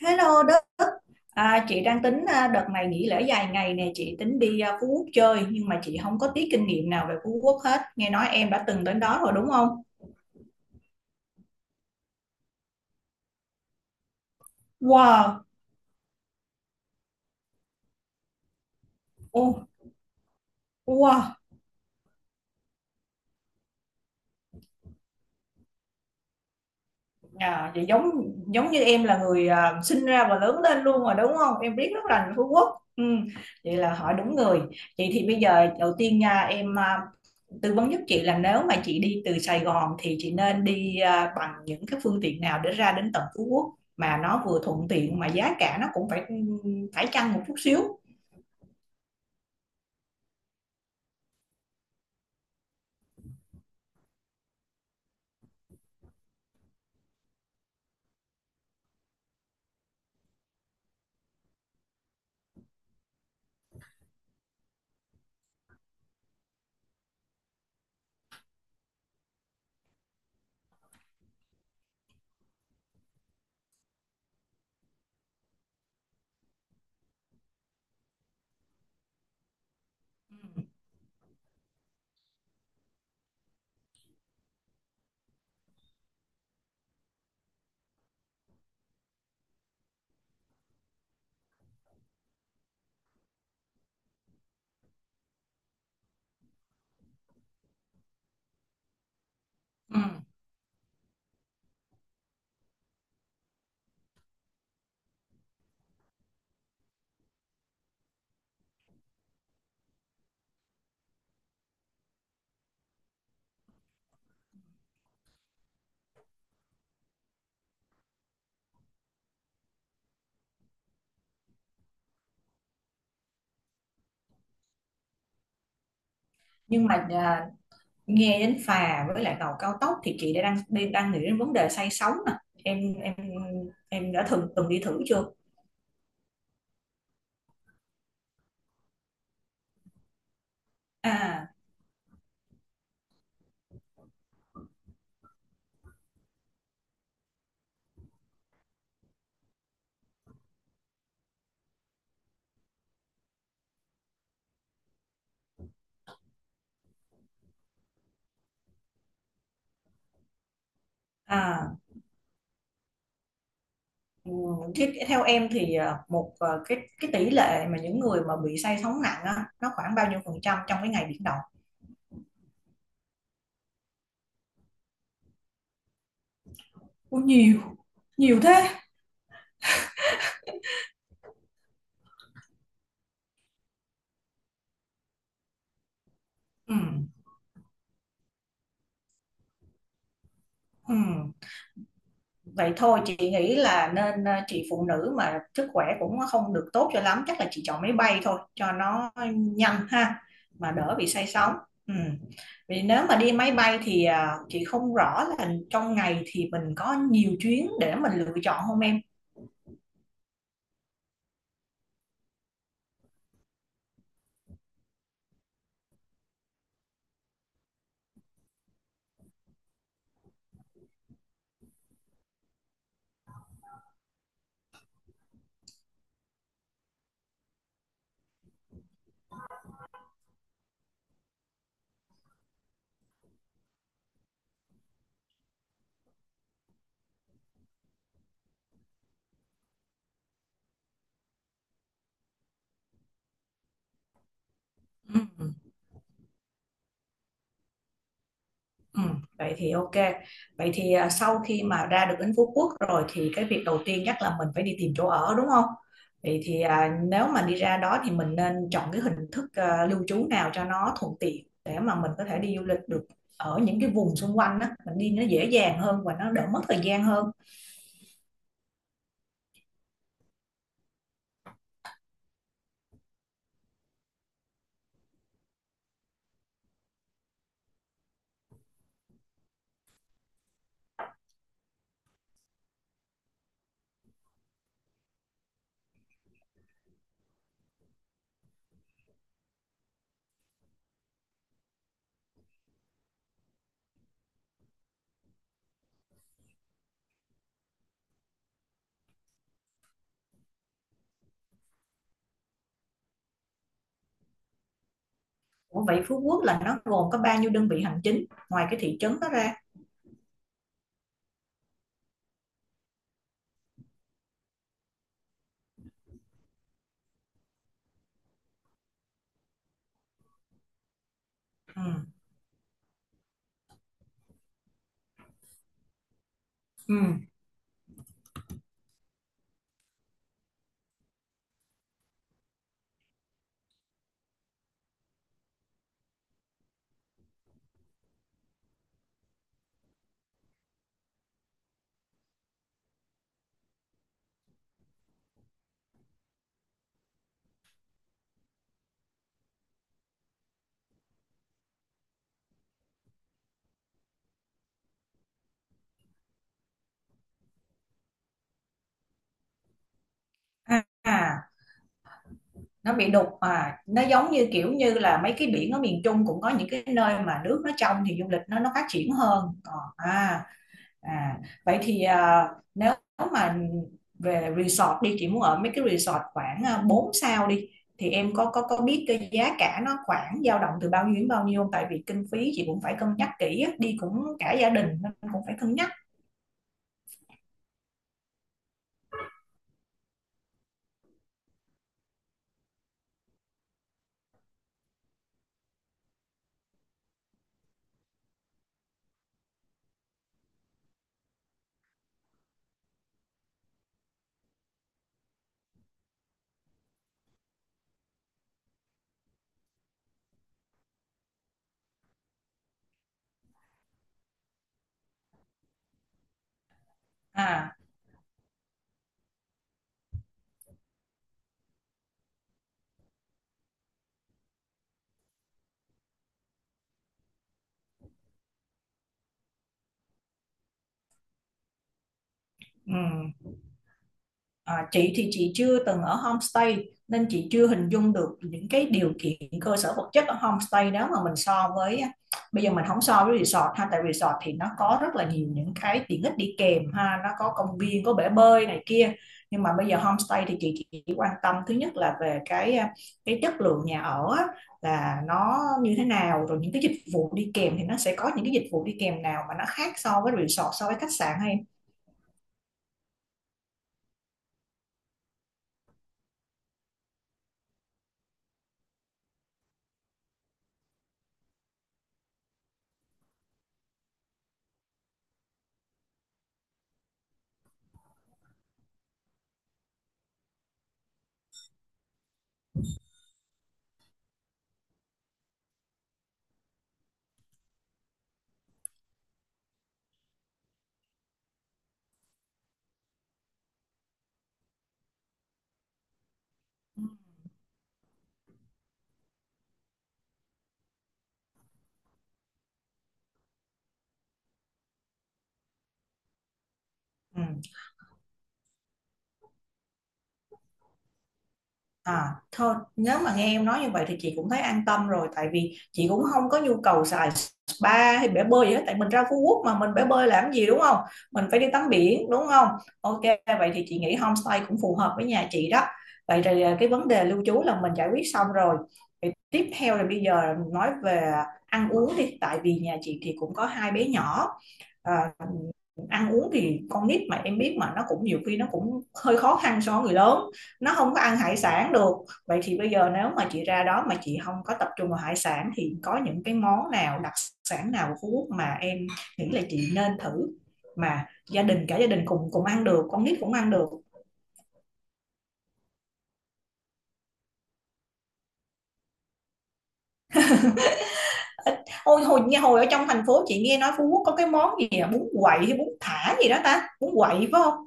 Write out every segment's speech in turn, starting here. Hello Đức, chị đang tính, đợt này nghỉ lễ dài ngày nè. Chị tính đi, Phú Quốc chơi, nhưng mà chị không có tí kinh nghiệm nào về Phú Quốc hết. Nghe nói em đã từng đến đó rồi đúng không? Wow. Oh. Wow. À, vậy giống giống như em là người, sinh ra và lớn lên luôn rồi đúng không? Em biết rất là Phú Quốc. Ừ, vậy là hỏi đúng người. Vậy thì bây giờ đầu tiên nha em, tư vấn giúp chị là nếu mà chị đi từ Sài Gòn thì chị nên đi, bằng những cái phương tiện nào để ra đến tận Phú Quốc mà nó vừa thuận tiện mà giá cả nó cũng phải phải chăng một chút xíu. Ừ. Ừ. Nhưng mà, nghe đến phà với lại tàu cao tốc thì chị đã đang nghĩ đến vấn đề say sóng nè. em em em đã từng từng đi thử chưa? À. À. Ừ, thế theo em thì, một, cái tỷ lệ mà những người mà bị say sóng nặng á, nó khoảng bao nhiêu phần trăm trong cái ngày biển động? Ủa, nhiều, nhiều thế? Ừ. Ừ. Vậy thôi chị nghĩ là nên, chị phụ nữ mà sức khỏe cũng không được tốt cho lắm, chắc là chị chọn máy bay thôi cho nó nhanh ha, mà đỡ bị say sóng. Ừ. Vì nếu mà đi máy bay thì, chị không rõ là trong ngày thì mình có nhiều chuyến để mình lựa chọn không em? Ừ. Ừ, vậy thì ok. Vậy thì, sau khi mà ra được đến Phú Quốc rồi thì cái việc đầu tiên chắc là mình phải đi tìm chỗ ở đúng không? Vậy thì, nếu mà đi ra đó thì mình nên chọn cái hình thức, lưu trú nào cho nó thuận tiện để mà mình có thể đi du lịch được ở những cái vùng xung quanh đó, mình đi nó dễ dàng hơn và nó đỡ mất thời gian hơn. Ủa vậy Phú Quốc là nó gồm có bao nhiêu đơn vị hành chính ngoài cái thị trấn đó ra? Ừ. Ừ. À. Nó bị đục mà nó giống như kiểu như là mấy cái biển ở miền Trung, cũng có những cái nơi mà nước nó trong thì du lịch nó phát triển hơn, còn à. À vậy thì, nếu mà về resort đi, chị muốn ở mấy cái resort khoảng, 4 sao đi, thì em có biết cái giá cả nó khoảng dao động từ bao nhiêu đến bao nhiêu không? Tại vì kinh phí chị cũng phải cân nhắc kỹ á, đi cũng cả gia đình nên cũng phải cân nhắc. À. Ừ. À, chị thì chị chưa từng ở homestay nên chị chưa hình dung được những cái điều kiện cơ sở vật chất ở homestay đó, mà mình so với, bây giờ mình không so với resort ha, tại resort thì nó có rất là nhiều những cái tiện ích đi kèm ha, nó có công viên, có bể bơi này kia. Nhưng mà bây giờ homestay thì chị chỉ quan tâm thứ nhất là về cái, cái chất lượng nhà ở á, là nó như thế nào. Rồi những cái dịch vụ đi kèm thì nó sẽ có những cái dịch vụ đi kèm nào mà nó khác so với resort, so với khách sạn hay? Ừ. À, thôi nếu mà nghe em nói như vậy thì chị cũng thấy an tâm rồi, tại vì chị cũng không có nhu cầu xài spa hay bể bơi gì hết. Tại mình ra Phú Quốc mà mình bể bơi làm gì đúng không, mình phải đi tắm biển đúng không. Ok, vậy thì chị nghĩ homestay cũng phù hợp với nhà chị đó. Vậy thì, cái vấn đề lưu trú là mình giải quyết xong rồi. Vậy tiếp theo là bây giờ nói về ăn uống đi, tại vì nhà chị thì cũng có hai bé nhỏ. à, Ăn uống thì con nít mà em biết mà, nó cũng nhiều khi nó cũng hơi khó khăn so với người lớn, nó không có ăn hải sản được. Vậy thì bây giờ nếu mà chị ra đó mà chị không có tập trung vào hải sản thì có những cái món nào đặc sản nào của Phú Quốc mà em nghĩ là chị nên thử, mà gia đình cả gia đình cùng cùng ăn được, con nít cũng ăn được? Ít- Ôi hồi nghe, hồi ở trong thành phố chị nghe nói Phú Quốc có cái món gì à? Bún quậy hay bún thả gì đó ta, bún quậy phải không?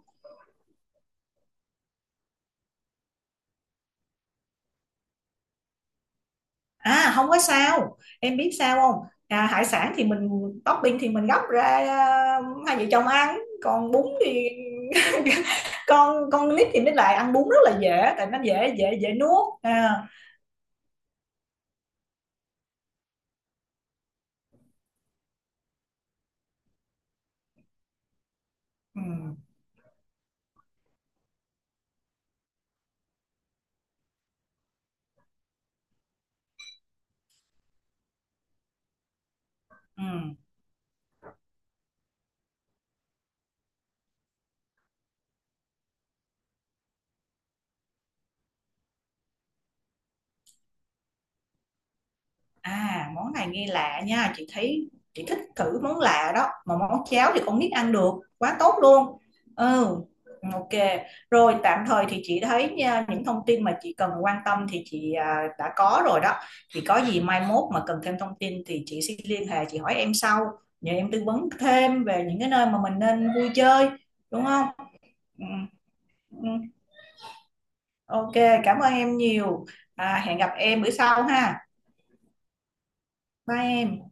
À không có sao. Em biết sao không, hải sản thì mình topping thì mình gấp ra, hai vợ chồng ăn. Còn bún thì con nít thì mới lại ăn bún rất là dễ, tại nó dễ dễ dễ nuốt. À. Ừ. Ừ. À, món này nghe lạ nha, chị thấy chị thích thử món lạ đó, mà món cháo thì con nít ăn được, quá tốt luôn. Ừ, ok. Rồi tạm thời thì chị thấy nha, những thông tin mà chị cần quan tâm thì chị, đã có rồi đó. Thì có gì mai mốt mà cần thêm thông tin thì chị sẽ liên hệ chị hỏi em sau, nhờ em tư vấn thêm về những cái nơi mà mình nên vui chơi, đúng không? Ừ, ừ. Ok, cảm ơn em nhiều. À, hẹn gặp em bữa sau ha. Bye em.